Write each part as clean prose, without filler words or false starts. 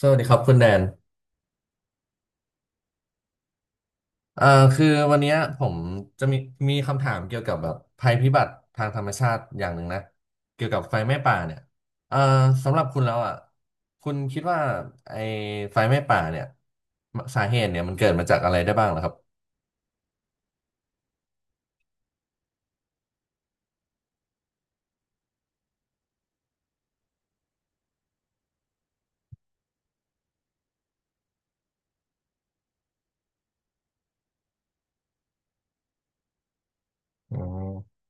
สวัสดีครับคุณแดนเอ่อคือวันเนี้ยผมจะมีคำถามเกี่ยวกับแบบภัยพิบัติทางธรรมชาติอย่างหนึ่งนะ เกี่ยวกับไฟไหม้ป่าเนี่ยเอ่อสำหรับคุณแล้วอ่ะคุณคิดว่าไอ้ไฟไหม้ป่าเนี่ยสาเหตุเนี่ยมันเกิดมาจากอะไรได้บ้างเหรอครับอืม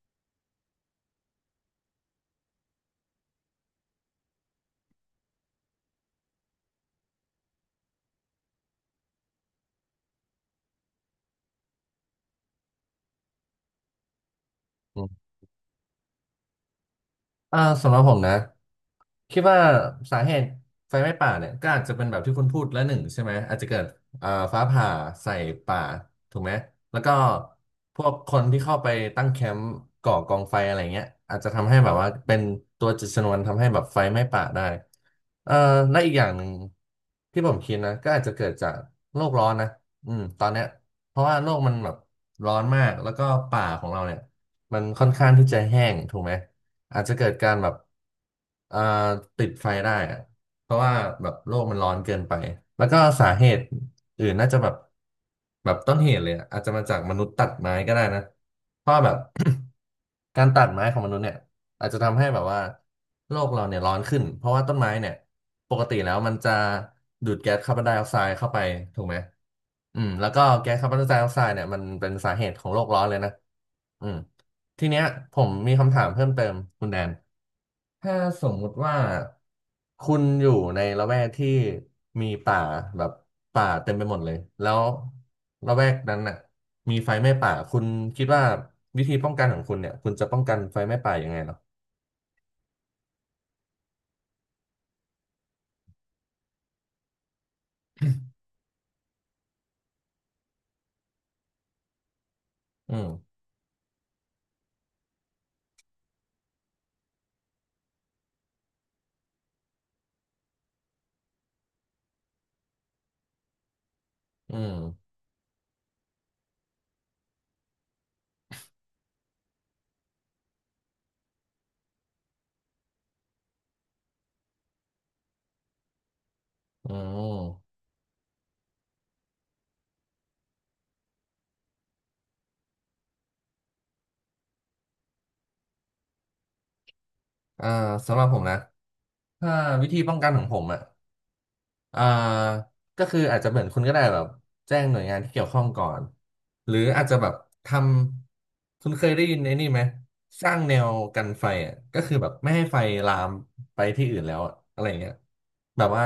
สำหรับผมนะคิดว่าสาเหตุไฟไหม้ป่าเนี่ยก็อาจจะเป็นแบบที่คุณพูดและหนึ่งใช่ไหมอาจจะเกิดฟ้าผ่าใส่ป่าถูกไหมแล้วก็พวกคนที่เข้าไปตั้งแคมป์ก่อกองไฟอะไรเงี้ยอาจจะทำให้แบบว่าเป็นตัวจุดชนวนทำให้แบบไฟไหม้ป่าได้เอ่อและอีกอย่างหนึ่งที่ผมคิดนะก็อาจจะเกิดจากโลกร้อนนะอืมตอนเนี้ยเพราะว่าโลกมันแบบร้อนมากแล้วก็ป่าของเราเนี่ยมันค่อนข้างที่จะแห้งถูกไหม อาจจะเกิดการแบบเอ่อติดไฟได้อะเพราะว่าแบบโลกมันร้อนเกินไป แล้วก็สาเหตุอื่นน่าจะแบบต้นเหตุเลยอะอาจจะมาจากมนุษย์ตัดไม้ก็ได้นะเพราะว่าแบบ การตัดไม้ของมนุษย์เนี่ยอาจจะทำให้แบบว่าโลกเราเนี่ยร้อนขึ้นเพราะว่าต้นไม้เนี่ยปกติแล้วมันจะดูดแก๊สคาร์บอนไดออกไซด์เข้าไปถูกไหม อืมแล้วก็แก๊สคาร์บอนไดออกไซด์เนี่ยมันเป็นสาเหตุของโลกร้อนเลยนะอืมทีเนี้ยผมมีคำถามเพิ่มเติมคุณแดนถ้าสมมุติว่าคุณอยู่ในละแวกที่มีป่าแบบป่าเต็มไปหมดเลยแล้วละแวกนั้นน่ะมีไฟไหม้ป่าคุณคิดว่าวิธีป้องกันของคุณเนี่ยคุณจะป้องกันไฟไหม้ป่ายังไงเหรออืมอืมอืมอ่าสำหรับผมนะถ้าวิธีป้องกันของผมอ่ะ อ่าก็คืออาจจะเหมือนคุณก็ได้แบบแจ้งหน่วยงานที่เกี่ยวข้องก่อนหรืออาจจะแบบทำคุณเคยได้ยินไอ้นี่ไหมสร้างแนวกันไฟอ่ะก็คือแบบไม่ให้ไฟลามไปที่อื่นแล้วอะอะไรอย่างเงี้ยแบบว่า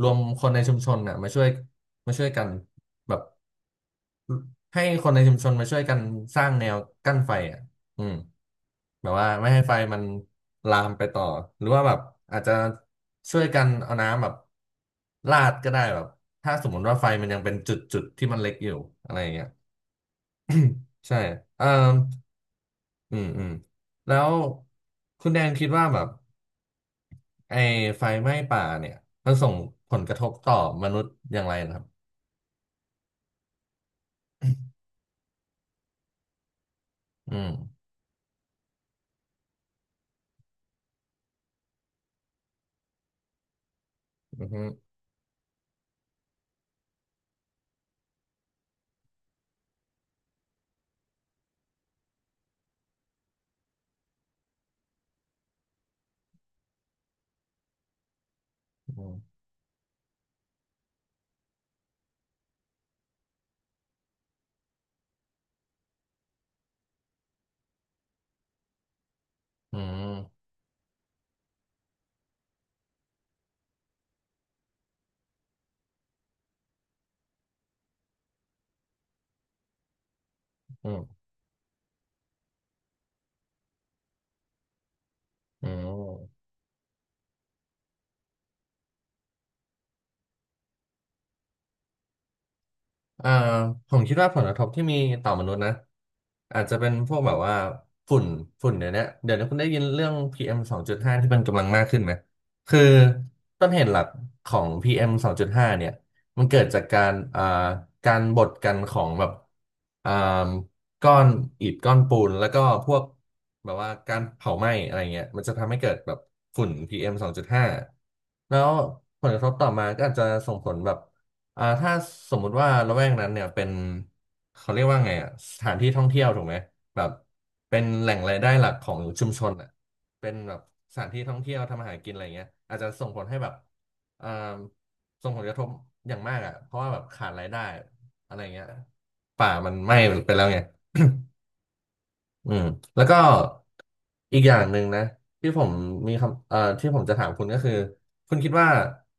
รวมคนในชุมชนอ่ะมาช่วยมาช่วยกันแบบ ให้คนในชุมชนมาช่วยกันสร้างแนวกั้นไฟอ่ะอืมแบบว่าไม่ให้ไฟมันลามไปต่อ หรือว่าแบบอาจจะช่วยกันเอาน้ำแบบลาดก็ได้แบบถ้าสมมติว่าไฟมันยังเป็นจุดจุดที่มันเล็กอยู่อะไรอย่างเงี้ย ใช่เอ่ออืม อืม แล้วคุณแดนคิดว่าแบบไอ้ไฟไหม้ป่าเนี่ยมันส่งผลกระทบต่อมนุษย์อย่างไรนะครับอืมอืมอฮึอืมอืมอืมอืม เอ่อผมคิดว่าผลกระทบที่มีต่อมนุษย์นะอาจจะเป็นพวกแบบว่าฝุ่นฝุ่นเดี๋ยวนี้คุณได้ยินเรื่อง PM 2.5ที่มันกำลังมากขึ้นไหมคือต้นเหตุหลักของ PM 2.5เอ็มสองจุดห้าเนี่ยมันเกิดจากการการบดกันของแบบอ่าก้อนอิฐก้อนปูนแล้วก็พวกแบบว่าการเผาไหม้อะไรเงี้ยมันจะทำให้เกิดแบบฝุ่น PM 2.5แล้วผลกระทบต่อมาก็อาจจะส่งผลแบบ ถ้าสมมุติว่าละแวกนั้นเนี่ยเป็นเขาเรียกว่าไงอ่ะสถานที่ท่องเที่ยวถูกไหมแบบเป็นแหล่งรายได้หลักของชุมชนอ่ะเป็นแบบสถานที่ท่องเที่ยวทำอาหารกินอะไรเงี้ยอาจจะส่งผลให้แบบอ่าส่งผลกระทบอย่างมากอ่ะเพราะว่าแบบขาดรายได้อะไรเงี้ยป่ามันไหม้ไปแล้วไง อืมแล้วก็อีกอย่างหนึ่งนะที่ผมมีคำที่ผมจะถามคุณก็คือคุณคิดว่า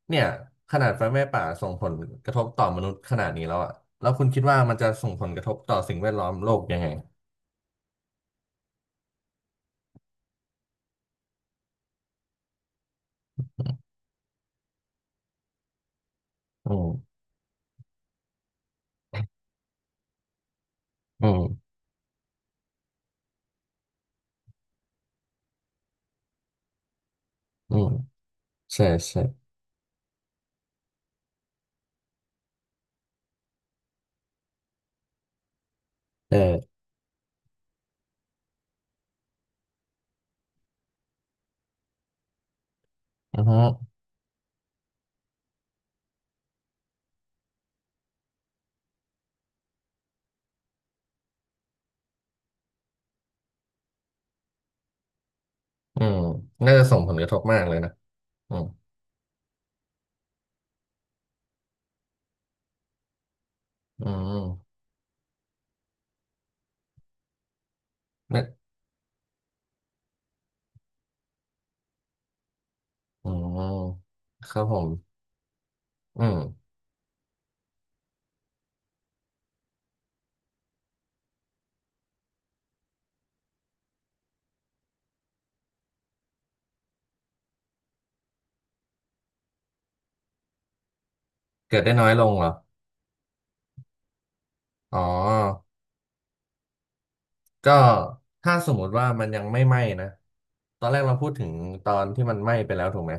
เนี่ยขนาดไฟไหม้ป่าส่งผลกระทบต่อมนุษย์ขนาดนี้แล้วอะแล้วคุณคิดว่ามันจะส่งผลกระทบต่อสิ่งแวดล้อมโลกยังไงอืมอืมอืมใช่ใช่เอออือฮึอืมน่าจะส่งผลกระทบมากเลยนะอืมอืมเนี่ยอืมครับผมอืมเกิดได้น้อยลงเหรออ๋อ ก็ถ้าสมมติว่ามันยังไม่ไหม้นะตอนแรกเราพูดถึงตอนที่มันไหม้ไปแล้วถูกไหม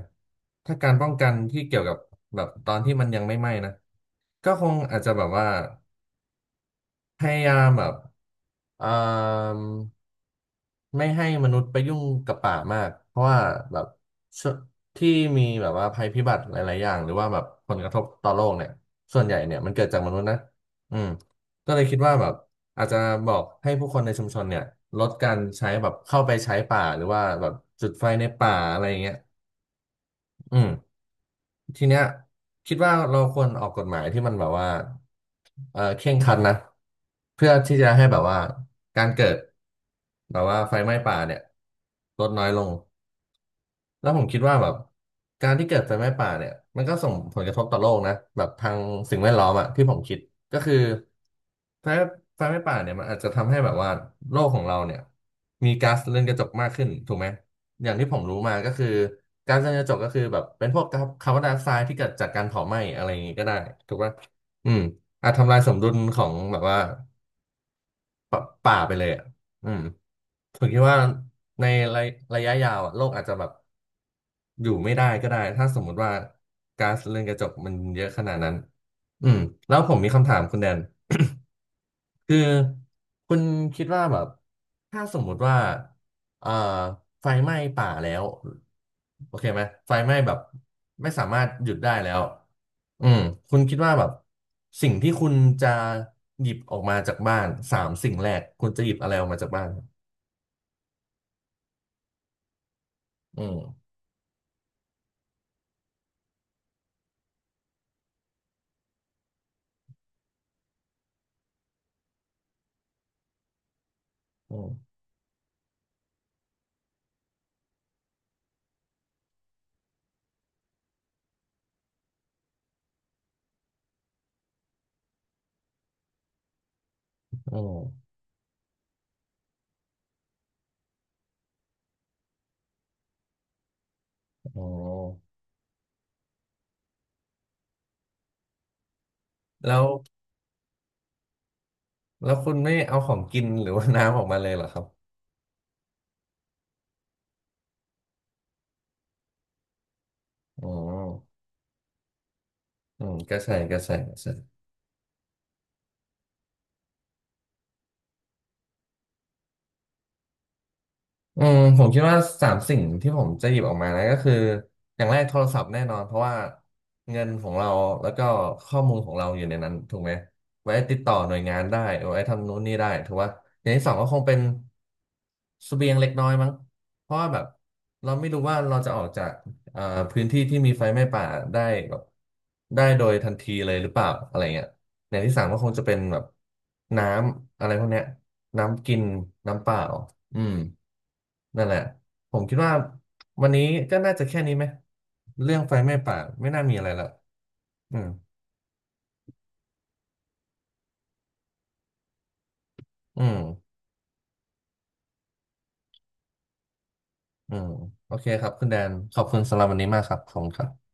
ถ้าการป้องกันที่เกี่ยวกับแบบตอนที่มันยังไม่ไหม้นะก็คงอาจจะแบบว่าพยายามแบบเอ่อ ไม่ให้มนุษย์ไปยุ่งกับป่ามากเพราะว่าแบบช่วที่มีแบบว่าภัยพิบัติหลายๆอย่างหรือว่าแบบผลกระทบต่อโลกเนี่ยส่วนใหญ่เนี่ยมันเกิดจากมนุษย์นะอืมก็เลยคิดว่าแบบอาจจะบอกให้ผู้คนในชุมชนเนี่ยลดการใช้แบบเข้าไปใช้ป่าหรือว่าแบบจุดไฟในป่าอะไรอย่างเงี้ยอืม ทีเนี้ยคิดว่าเราควรออกกฎหมายที่มันแบบว่าเออเคร่งครัดนะเพื่อที่จะให้แบบว่าการเกิดแบบว่าไฟไหม้ป่าเนี่ยลดน้อยลงแล้วผมคิดว่าแบบการที่เกิดไฟไหม้ป่าเนี่ยมันก็ส่งผลกระทบต่อโลกนะแบบทางสิ่งแวดล้อมอะที่ผมคิดก็คือ ไฟไฟไหม่ป่าเนี่ยมันอาจจะทำให้แบบว่าโลกของเราเนี่ยมีก๊าซเรือนกระจกมากขึ้นถูกไหมอย่างที่ผมรู้มาก็คือก๊าซเรือนกระจกก็คือแบบเป็นพวกาคาร์บอนไดออกไซด์ที่เกิดจากการเผาไหม้อะไรอย่างงี้ก็ได้ถูกป่ะอืมอาจทำลายสมดุลของแบบว่าปป่าไปเลยอ่ะอืมผมคิดว่าในระระยะยาวอ่ะโลกอาจจะแบบอยู่ไม่ได้ก็ได้ถ้าสมมุติว่าก๊าซเรือนกระจกมันเยอะขนาดนั้นอืมแล้วผมมีคำถามคุณแดน คือคุณคิดว่าแบบถ้าสมมุติว่าเอ่อไฟไหม้ป่าแล้วโอเคไหมไฟไหม้แบบไม่สามารถหยุดได้แล้วอืมคุณคิดว่าแบบสิ่งที่คุณจะหยิบออกมาจากบ้านสามสิ่งแรกคุณจะหยิบอะไรออกมาจากบ้านอืมอืมอืมอ๋อแล้วแล้วคุณไม่เอาของกินหรือว่าน้ำออกมาเลยเหรอครับอืมอืมก็ใช่ก็ใช่ก็ใช่ อืมผมคิดว่าสามสิ่งที่ผมจะหยิบออกมานะก็คืออย่างแรกโทรศัพท์แน่นอนเพราะว่าเงินของเราแล้วก็ข้อมูลของเราอยู่ในนั้นถูกไหมไว้ติดต่อหน่วยงานได้ไว้ทำนู้นนี่ได้ถือว่าอย่างที่สองก็คงเป็นเสบียงเล็กน้อยมั้งเพราะว่าแบบเราไม่รู้ว่าเราจะออกจากเอ่อพื้นที่ที่มีไฟไหม้ป่าได้แบบได้โดยทันทีเลยหรือเปล่าอะไรเงี้ยอย่างที่สามก็คงจะเป็นแบบน้ำอะไรพวกเนี้ยน้ำกินน้ำเปล่า อืมนั่นแหละผมคิดว่าวันนี้ก็น่าจะแค่นี้ไหมเรื่องไฟไหม้ป่าไม่น่ามีอะไรละอืมอืมอืมโอเคครับคุณแดนขอบคุณสำหรับวันนี้มากครับขอบคุณครับ